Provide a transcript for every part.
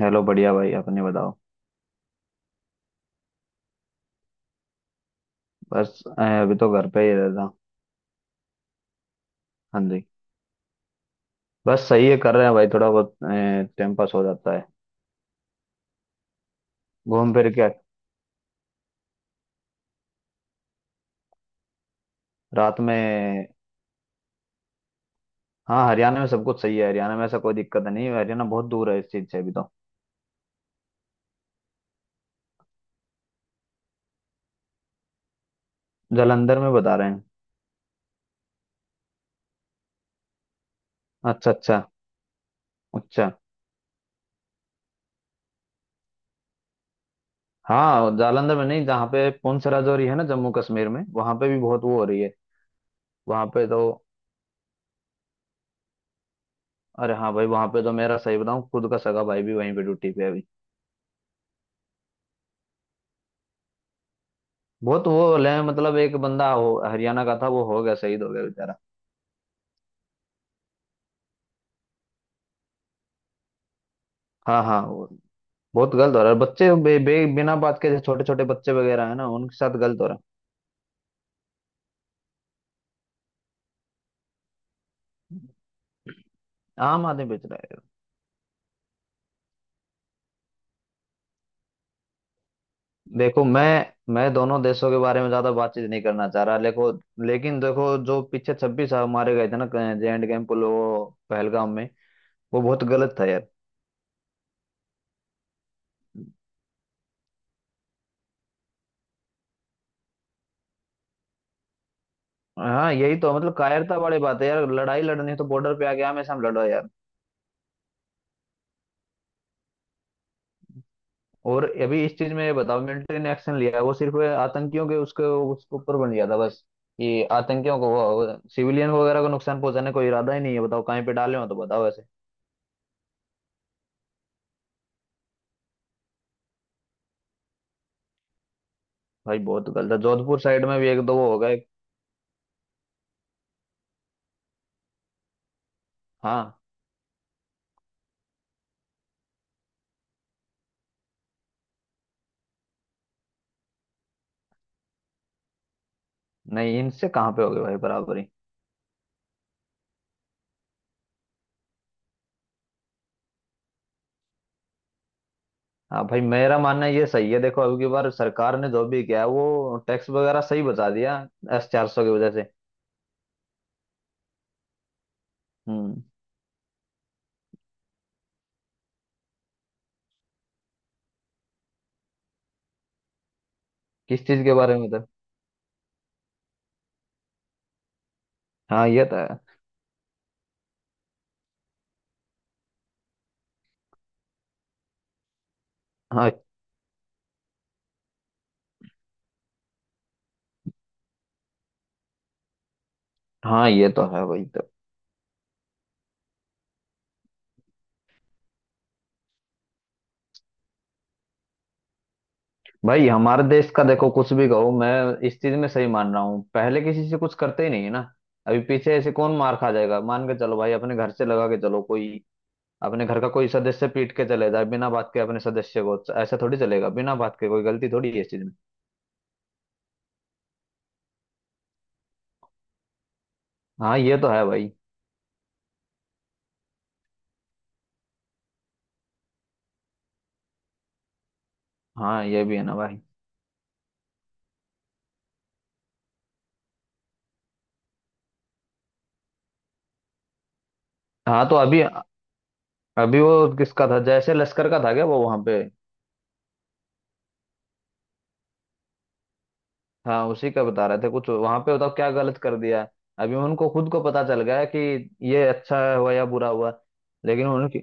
Hello, बढ़िया भाई। अपने बताओ। बस अभी तो घर पे ही रहता। हाँ जी। बस सही है, कर रहे हैं भाई, थोड़ा बहुत टाइम पास हो जाता है घूम फिर के। रात में? हाँ, हरियाणा में सब कुछ सही है। हरियाणा में ऐसा कोई दिक्कत नहीं है। हरियाणा बहुत दूर है इस चीज से अभी तो। जालंधर में बता रहे हैं। अच्छा। अच्छा। अच्छा। हाँ, जालंधर में नहीं, जहाँ पे पुंछ राजौरी है ना, जम्मू कश्मीर में, वहां पे भी बहुत वो हो रही है। वहां पे तो। अरे हाँ भाई, वहां पे तो मेरा सही बताऊँ, खुद का सगा भाई भी वहीं पे ड्यूटी पे है अभी। बहुत वो ले मतलब, एक बंदा हो हरियाणा का था, वो हो गया, शहीद हो गया बेचारा। हाँ हाँ वो। बहुत गलत हो रहा है बच्चे बे, बे, बिना बात के। छोटे छोटे बच्चे वगैरह है ना, उनके साथ गलत हो रहा है। आम आदमी बेच रहा है। देखो, मैं दोनों देशों के बारे में ज्यादा बातचीत नहीं करना चाह रहा। देखो लेकिन, देखो जो पीछे 26 मारे गए थे ना, जे एंड कैंप, वो पहलगाम में, वो बहुत गलत था यार। हाँ, यही तो मतलब कायरता वाली बात है यार। लड़ाई लड़नी है तो बॉर्डर पे आके आमने सामने लड़ो यार। और अभी इस चीज में ये बताओ, मिलिट्री ने एक्शन लिया, वो सिर्फ आतंकियों के उसके उसके ऊपर बन गया था बस। ये आतंकियों को, सिविलियन वगैरह को नुकसान पहुंचाने का इरादा ही नहीं है। बताओ कहीं पे डाले हो तो बताओ ऐसे। भाई बहुत गलत है, जोधपुर साइड में भी एक दो वो हो गए। हाँ। नहीं, इनसे कहाँ पे हो गए भाई बराबरी। हाँ भाई, मेरा मानना ये सही है। देखो, अब की बार सरकार ने जो भी किया है, वो टैक्स वगैरह सही बचा दिया S-400 की वजह से। हम्म। किस चीज के बारे में था? हाँ ये तो है। हाँ। हाँ ये तो है भाई, तो भाई हमारे देश का देखो कुछ भी कहो। मैं इस चीज में सही मान रहा हूँ, पहले किसी से कुछ करते ही नहीं है ना। अभी पीछे ऐसे कौन मार खा जाएगा? मान के चलो भाई अपने घर से लगा के चलो, कोई अपने घर का कोई सदस्य पीट के चले जाए बिना बात के, अपने सदस्य को ऐसा थोड़ी चलेगा बिना बात के। कोई गलती थोड़ी है इस चीज में। हाँ ये तो है भाई। हाँ ये भी है ना भाई। हाँ तो अभी, अभी वो किसका था, जैसे लश्कर का था क्या वो वहां पे? हाँ उसी का बता रहे थे कुछ वहां पे। बताओ क्या गलत कर दिया है। अभी उनको खुद को पता चल गया है कि ये अच्छा हुआ या बुरा हुआ। लेकिन उनकी,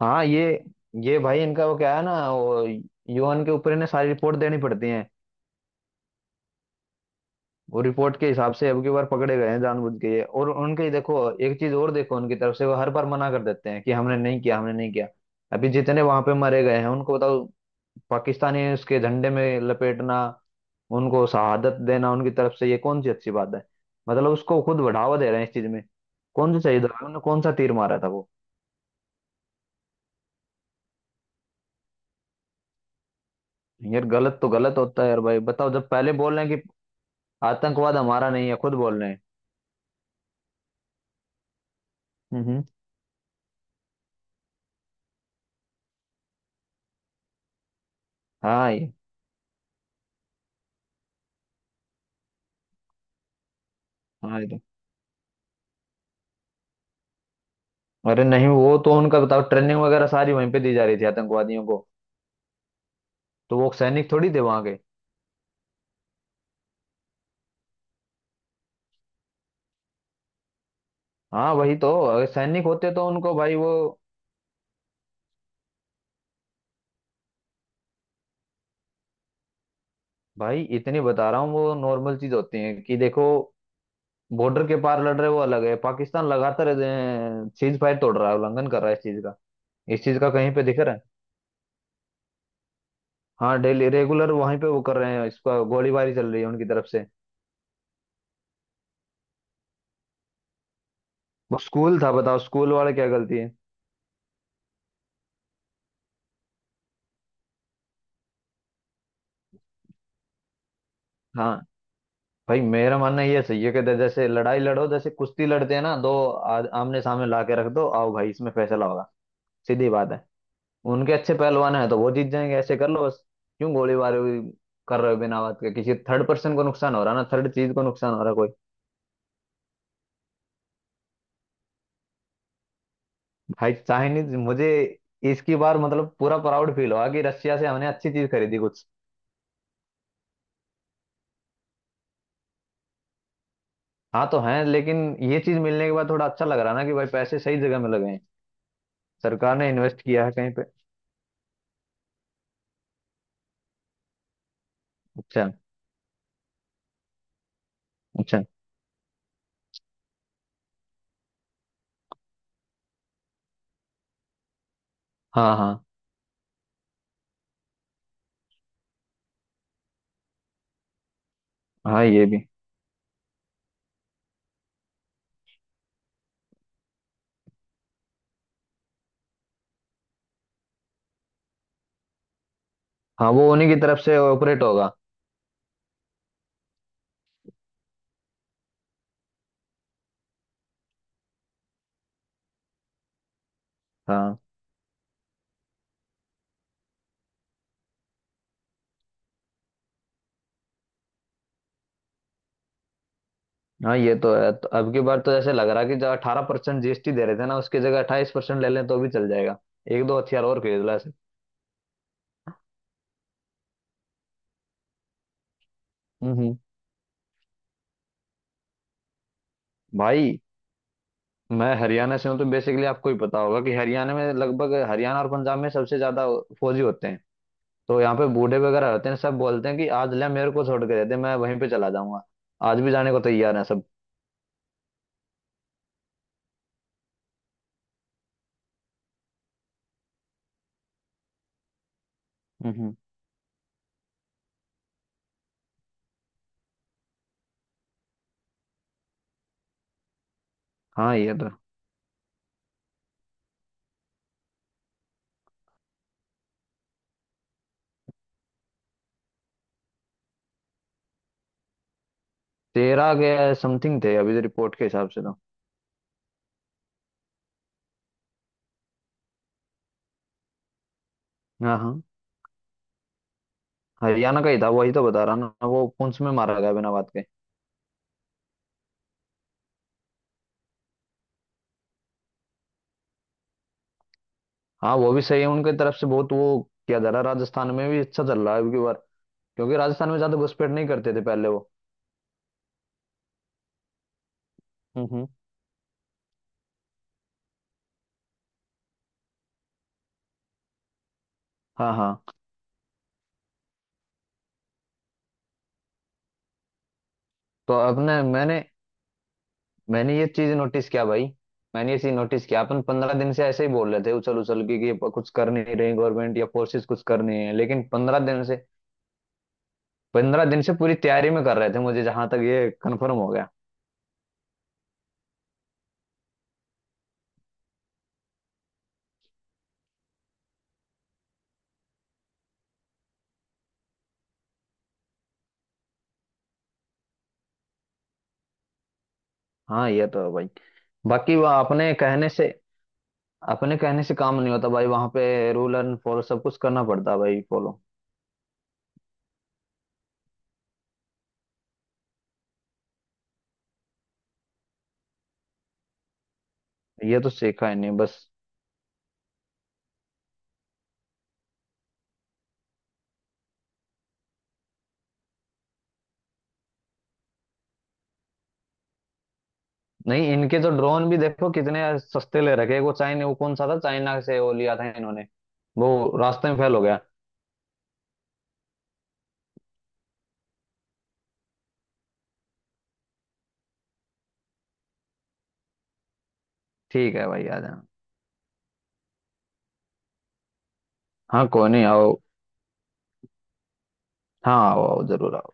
हाँ ये भाई इनका वो क्या है ना, वो यूएन के ऊपर इन्हें सारी रिपोर्ट देनी पड़ती है। वो रिपोर्ट के हिसाब से अब की बार पकड़े गए हैं जानबूझ के ये, और उनके देखो, एक चीज और देखो, उनकी तरफ से वो हर बार मना कर देते हैं कि हमने नहीं किया, हमने नहीं किया। अभी जितने वहां पे मरे गए हैं उनको बताओ, पाकिस्तानी उसके झंडे में लपेटना, उनको शहादत देना, उनकी तरफ से ये कौन सी अच्छी बात है? मतलब उसको खुद बढ़ावा दे रहे हैं इस चीज में। कौन सा शहीद हो गया? उन्होंने कौन सा तीर मारा था वो? यार गलत तो गलत होता है यार भाई बताओ, जब पहले बोल रहे हैं कि आतंकवाद हमारा नहीं है खुद बोल रहे हैं। हम्म। हाँ ये। हाँ ये तो। अरे नहीं, वो तो उनका बताओ ट्रेनिंग वगैरह सारी वहीं पे दी जा रही थी आतंकवादियों को। तो वो सैनिक थोड़ी थे वहां के। हाँ वही तो, अगर सैनिक होते तो उनको भाई वो। भाई इतनी बता रहा हूँ, वो नॉर्मल चीज होती है कि देखो बॉर्डर के पार लड़ रहे वो अलग है, पाकिस्तान लगातार सीज फायर तोड़ रहा है, उल्लंघन कर रहा है इस चीज का। इस चीज का कहीं पे दिख रहा है? हाँ डेली रेगुलर वहीं पे वो कर रहे हैं, इसका गोलीबारी चल रही है उनकी तरफ से। वो स्कूल था बताओ, स्कूल वाले क्या गलती है। हाँ भाई मेरा मानना ये सही है कि जैसे लड़ाई लड़ो, जैसे कुश्ती लड़ते हैं ना, दो आमने सामने ला के रख दो, आओ भाई इसमें फैसला होगा। सीधी बात है। उनके अच्छे पहलवान हैं तो वो जीत जाएंगे, ऐसे कर लो बस। क्यों गोलीबारी कर रहे हो बिना बात के? किसी थर्ड पर्सन को नुकसान हो रहा है ना, थर्ड चीज को नुकसान हो रहा है कोई। भाई चाइनीज मुझे इसकी बार मतलब पूरा प्राउड फील हुआ कि रशिया से हमने अच्छी चीज खरीदी कुछ। हाँ तो है, लेकिन ये चीज मिलने के बाद थोड़ा अच्छा लग रहा ना कि भाई पैसे सही जगह में लगे हैं, सरकार ने इन्वेस्ट किया है कहीं पे। अच्छा। अच्छा। हाँ हाँ। हाँ ये भी। हाँ वो उन्हीं की तरफ से ऑपरेट होगा। हाँ हाँ, ये तो है। तो अब की बार तो जैसे लग रहा है कि जो 18% जीएसटी दे रहे थे ना, उसकी जगह 28% ले लें तो भी चल जाएगा। एक दो हथियार और खरीद ला ऐसे। हम्म। भाई मैं हरियाणा से हूँ, तो बेसिकली आपको ही पता होगा कि हरियाणा में लगभग, हरियाणा और पंजाब में सबसे ज्यादा फौजी होते हैं। तो यहाँ पे बूढ़े वगैरह होते हैं, सब बोलते हैं कि आज ले मेरे को छोड़ के देते, मैं वहीं पे चला जाऊंगा। आज भी जाने को तैयार है सब। हम्म। हाँ ये तो। 13 के समथिंग थे अभी रिपोर्ट के हिसाब से तो। हाँ हाँ। हरियाणा का ही था, वही तो बता रहा ना, वो पुंछ में मारा गया बिना बात के। हाँ वो भी सही है, उनके तरफ से बहुत वो किया जा रहा है। राजस्थान में भी अच्छा चल रहा है अबकी बार, क्योंकि राजस्थान में ज्यादा घुसपैठ नहीं करते थे पहले वो। हम्म। हाँ। हाँ तो अपने मैंने मैंने ये चीज नोटिस किया भाई। मैंने ये चीज नोटिस किया, अपन 15 दिन से ऐसे ही बोल रहे थे उछल उछल के कि ये कुछ कर नहीं रही गवर्नमेंट या फोर्सेस कुछ कर नहीं है, लेकिन 15 दिन से पूरी तैयारी में कर रहे थे, मुझे जहां तक ये कंफर्म हो गया। हाँ ये तो है भाई। बाकी वो अपने कहने से काम नहीं होता भाई। वहां पे रूल एंड फॉलो सब कुछ करना पड़ता है भाई, फॉलो। ये तो सीखा ही नहीं बस। नहीं, इनके तो ड्रोन भी देखो कितने सस्ते ले रखे हैं। वो चाइना, वो कौन सा था चाइना से वो लिया था इन्होंने, वो रास्ते में फेल हो गया। ठीक है भाई आ जाना। हाँ कोई नहीं, आओ। हाँ आओ आओ, जरूर आओ।